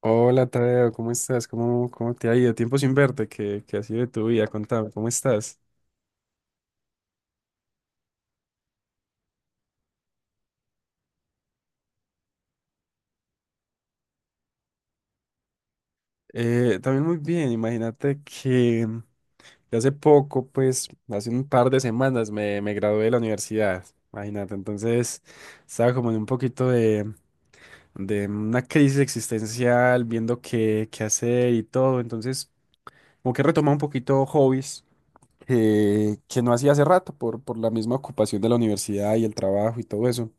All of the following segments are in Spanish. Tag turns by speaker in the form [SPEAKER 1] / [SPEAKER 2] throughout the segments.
[SPEAKER 1] Hola Tadeo, ¿cómo estás? ¿Cómo te ha ido? Tiempo sin verte, ¿qué ha sido de tu vida? Contame, ¿cómo estás? También muy bien, imagínate que hace poco, pues hace un par de semanas me gradué de la universidad, imagínate. Entonces estaba como en un poquito de una crisis existencial, viendo qué hacer y todo. Entonces como que retomé un poquito hobbies que no hacía hace rato por la misma ocupación de la universidad y el trabajo y todo eso.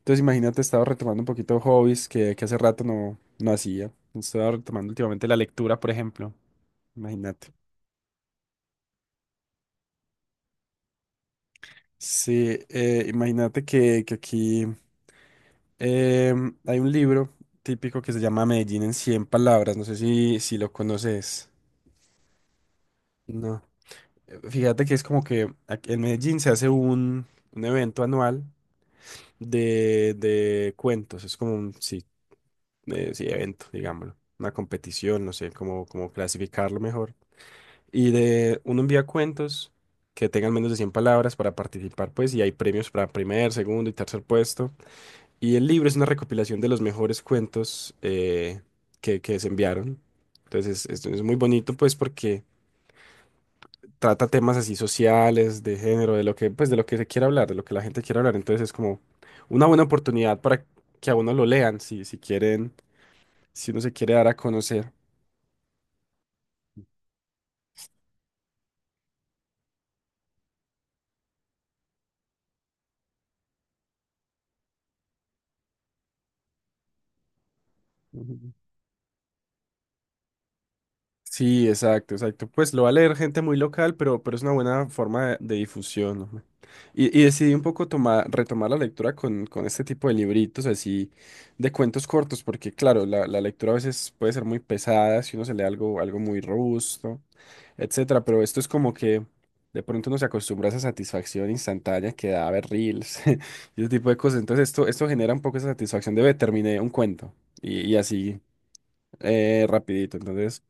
[SPEAKER 1] Entonces imagínate, estaba retomando un poquito hobbies que hace rato no hacía. Estaba retomando últimamente la lectura, por ejemplo. Imagínate. Sí, imagínate que aquí hay un libro típico que se llama Medellín en 100 palabras. No sé si lo conoces. No. Fíjate que es como que aquí en Medellín se hace un evento anual de cuentos. Es como un sí, sí, evento, digámoslo. Una competición, no sé cómo clasificarlo mejor. Y de uno envía cuentos que tengan menos de 100 palabras para participar, pues, y hay premios para primer, segundo y tercer puesto. Y el libro es una recopilación de los mejores cuentos que se enviaron. Entonces es muy bonito, pues, porque trata temas así sociales, de género, de lo que, pues, de lo que se quiere hablar, de lo que la gente quiere hablar. Entonces es como una buena oportunidad para que a uno lo lean, si quieren, si uno se quiere dar a conocer. Sí, exacto, exacto. Pues lo va a leer gente muy local, pero es una buena forma de difusión, ¿no? Y decidí un poco tomar, retomar la lectura con este tipo de libritos así de cuentos cortos, porque claro, la lectura a veces puede ser muy pesada si uno se lee algo, algo muy robusto, etcétera. Pero esto es como que de pronto uno se acostumbra a esa satisfacción instantánea que da ver reels y ese tipo de cosas. Entonces esto genera un poco esa satisfacción de "Ve, terminé un cuento". Y así rapidito. Entonces,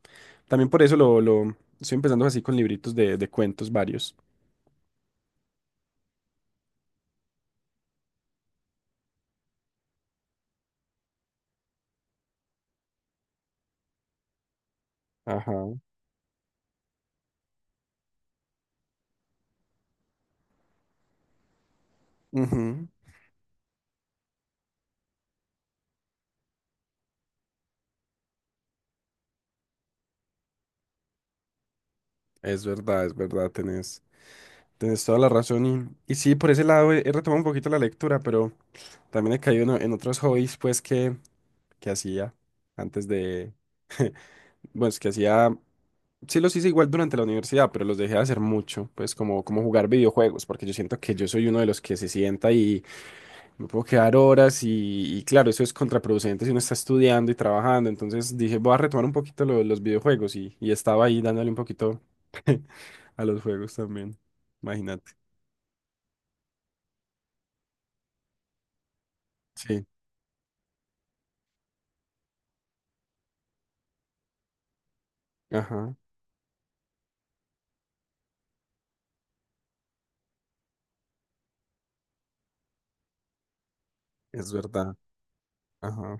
[SPEAKER 1] también por eso lo estoy empezando así con libritos de cuentos varios. Ajá. Ujú. Es verdad, tenés, tenés toda la razón. Y sí, por ese lado he, he retomado un poquito la lectura, pero también he caído en otros hobbies, pues, que hacía antes de, bueno, es que hacía, sí los hice igual durante la universidad, pero los dejé de hacer mucho, pues, como, como jugar videojuegos, porque yo siento que yo soy uno de los que se sienta. Me puedo quedar horas y claro, eso es contraproducente si uno está estudiando y trabajando. Entonces dije, voy a retomar un poquito los videojuegos y estaba ahí dándole un poquito a los juegos también. Imagínate. Sí, ajá, es verdad. Ajá,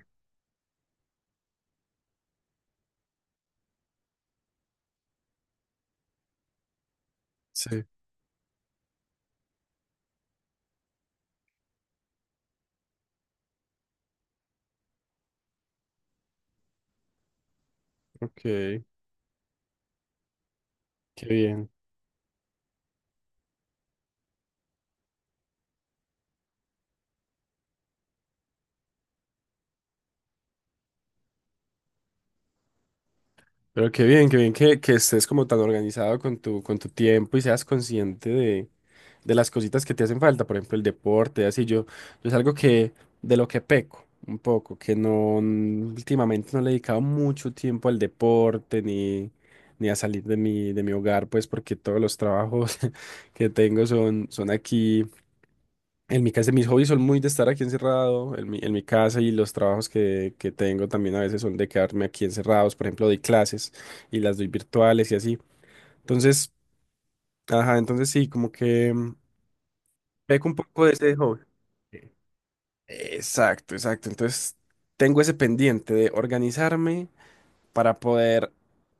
[SPEAKER 1] sí, ok, qué bien. Pero qué bien que estés como tan organizado con tu tiempo y seas consciente de las cositas que te hacen falta, por ejemplo, el deporte. Así yo, yo es algo que, de lo que peco un poco, que no, últimamente no le he dedicado mucho tiempo al deporte ni, ni a salir de mi hogar, pues porque todos los trabajos que tengo son, son aquí. En mi casa, mis hobbies son muy de estar aquí encerrado, en mi casa, y los trabajos que tengo también a veces son de quedarme aquí encerrados. Por ejemplo, doy clases y las doy virtuales y así. Entonces, ajá, entonces sí, como que peco un poco de ese hobby. Exacto, exacto. Entonces, tengo ese pendiente de organizarme para poder,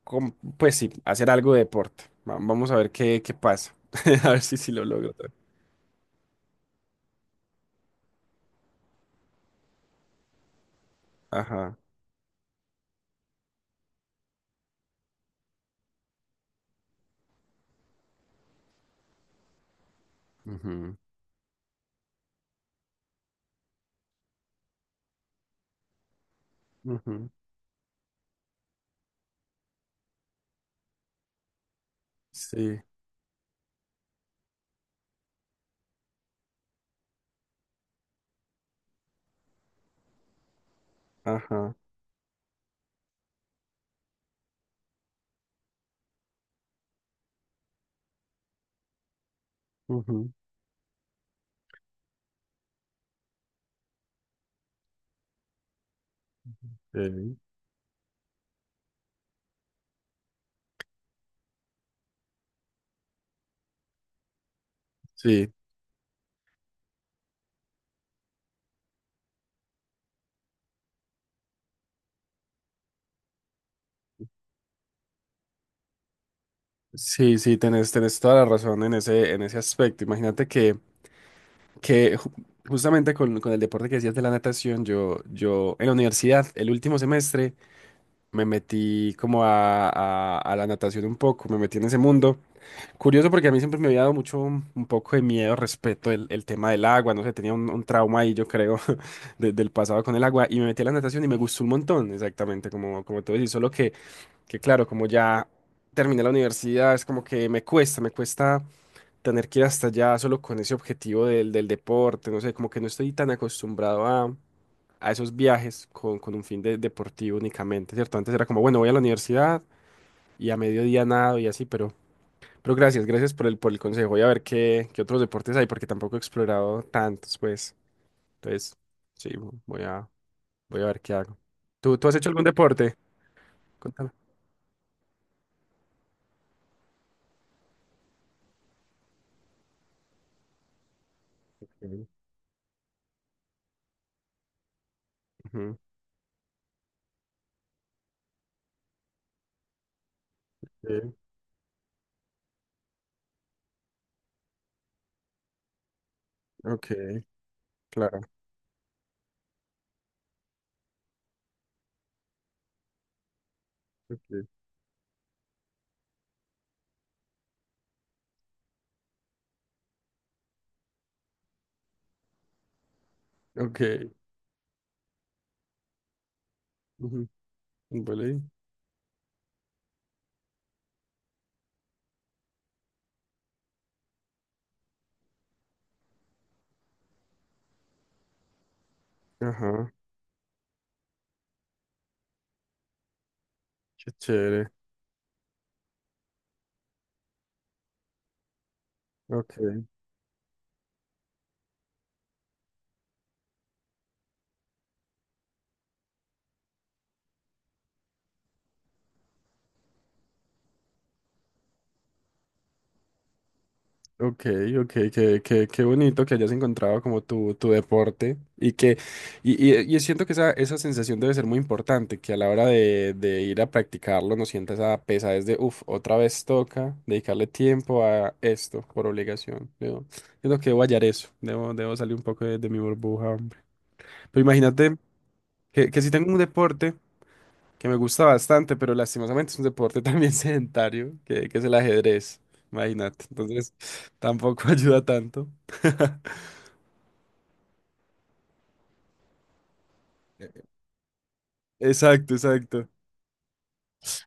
[SPEAKER 1] com- pues sí, hacer algo de deporte. Vamos a ver qué, qué pasa. A ver si, si lo logro. Ajá. Ujú, ujú. Sí, ajá, ujú, sí. Sí, sí, tenés, tenés toda la razón en ese aspecto. Imagínate que ju- justamente con el deporte que decías de la natación, yo en la universidad, el último semestre, me metí como a la natación un poco, me metí en ese mundo. Curioso porque a mí siempre me había dado mucho un poco de miedo respecto el tema del agua, no sé, tenía un trauma ahí, yo creo, del pasado con el agua, y me metí a la natación y me gustó un montón, exactamente, como, como tú decís. Solo que claro, como ya terminé la universidad, es como que me cuesta tener que ir hasta allá solo con ese objetivo del, del deporte. No sé, como que no estoy tan acostumbrado a esos viajes con un fin deportivo únicamente, ¿cierto? Antes era como, bueno, voy a la universidad y a mediodía nado y así, pero gracias, gracias por el consejo. Voy a ver qué, qué otros deportes hay, porque tampoco he explorado tantos, pues. Entonces, sí, voy a, voy a ver qué hago. ¿Tú has hecho algún deporte? Contame. Ok, ujú, sí, ok, claro. Okay. Ok. Ujú. Vale. Ajá. Qué chévere. Ok, ok, ok, qué, qué, qué bonito que hayas encontrado como tu deporte. Y siento que esa sensación debe ser muy importante, que a la hora de ir a practicarlo no sientas esa pesadez de, uff, otra vez toca dedicarle tiempo a esto por obligación. Yo siento que debo hallar eso, debo, debo salir un poco de mi burbuja, hombre. Pero imagínate que si tengo un deporte que me gusta bastante, pero lastimosamente es un deporte también sedentario, que es el ajedrez, imagínate. Entonces, tampoco ayuda tanto. Exacto, exacto.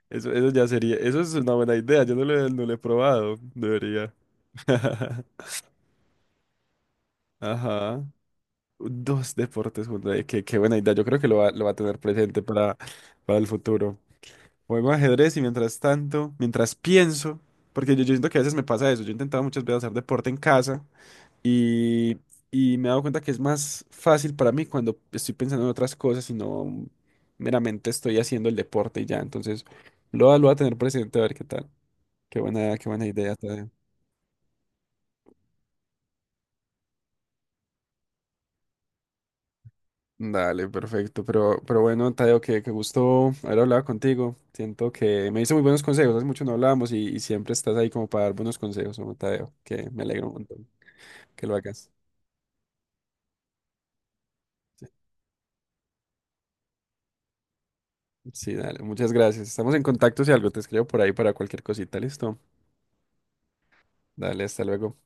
[SPEAKER 1] Eso ya sería, eso es una buena idea, yo no no lo he probado, debería. Ajá. Dos deportes juntos, qué, qué buena idea, yo creo que lo va a tener presente para el futuro. Juego ajedrez y mientras tanto, mientras pienso, porque yo siento que a veces me pasa eso, yo he intentado muchas veces hacer deporte en casa. Y, y me he dado cuenta que es más fácil para mí cuando estoy pensando en otras cosas y no meramente estoy haciendo el deporte y ya. Entonces, lo voy a tener presente a ver qué tal. Qué buena idea, Tadeo. Dale, perfecto. Pero bueno, Tadeo, que gusto haber hablado contigo. Siento que me hizo muy buenos consejos. Hace mucho no hablábamos y siempre estás ahí como para dar buenos consejos, ¿no, Tadeo? Que me alegro un montón que lo hagas. Sí, sí, dale. Muchas gracias. Estamos en contacto si algo te escribo por ahí para cualquier cosita. Listo. Dale, hasta luego.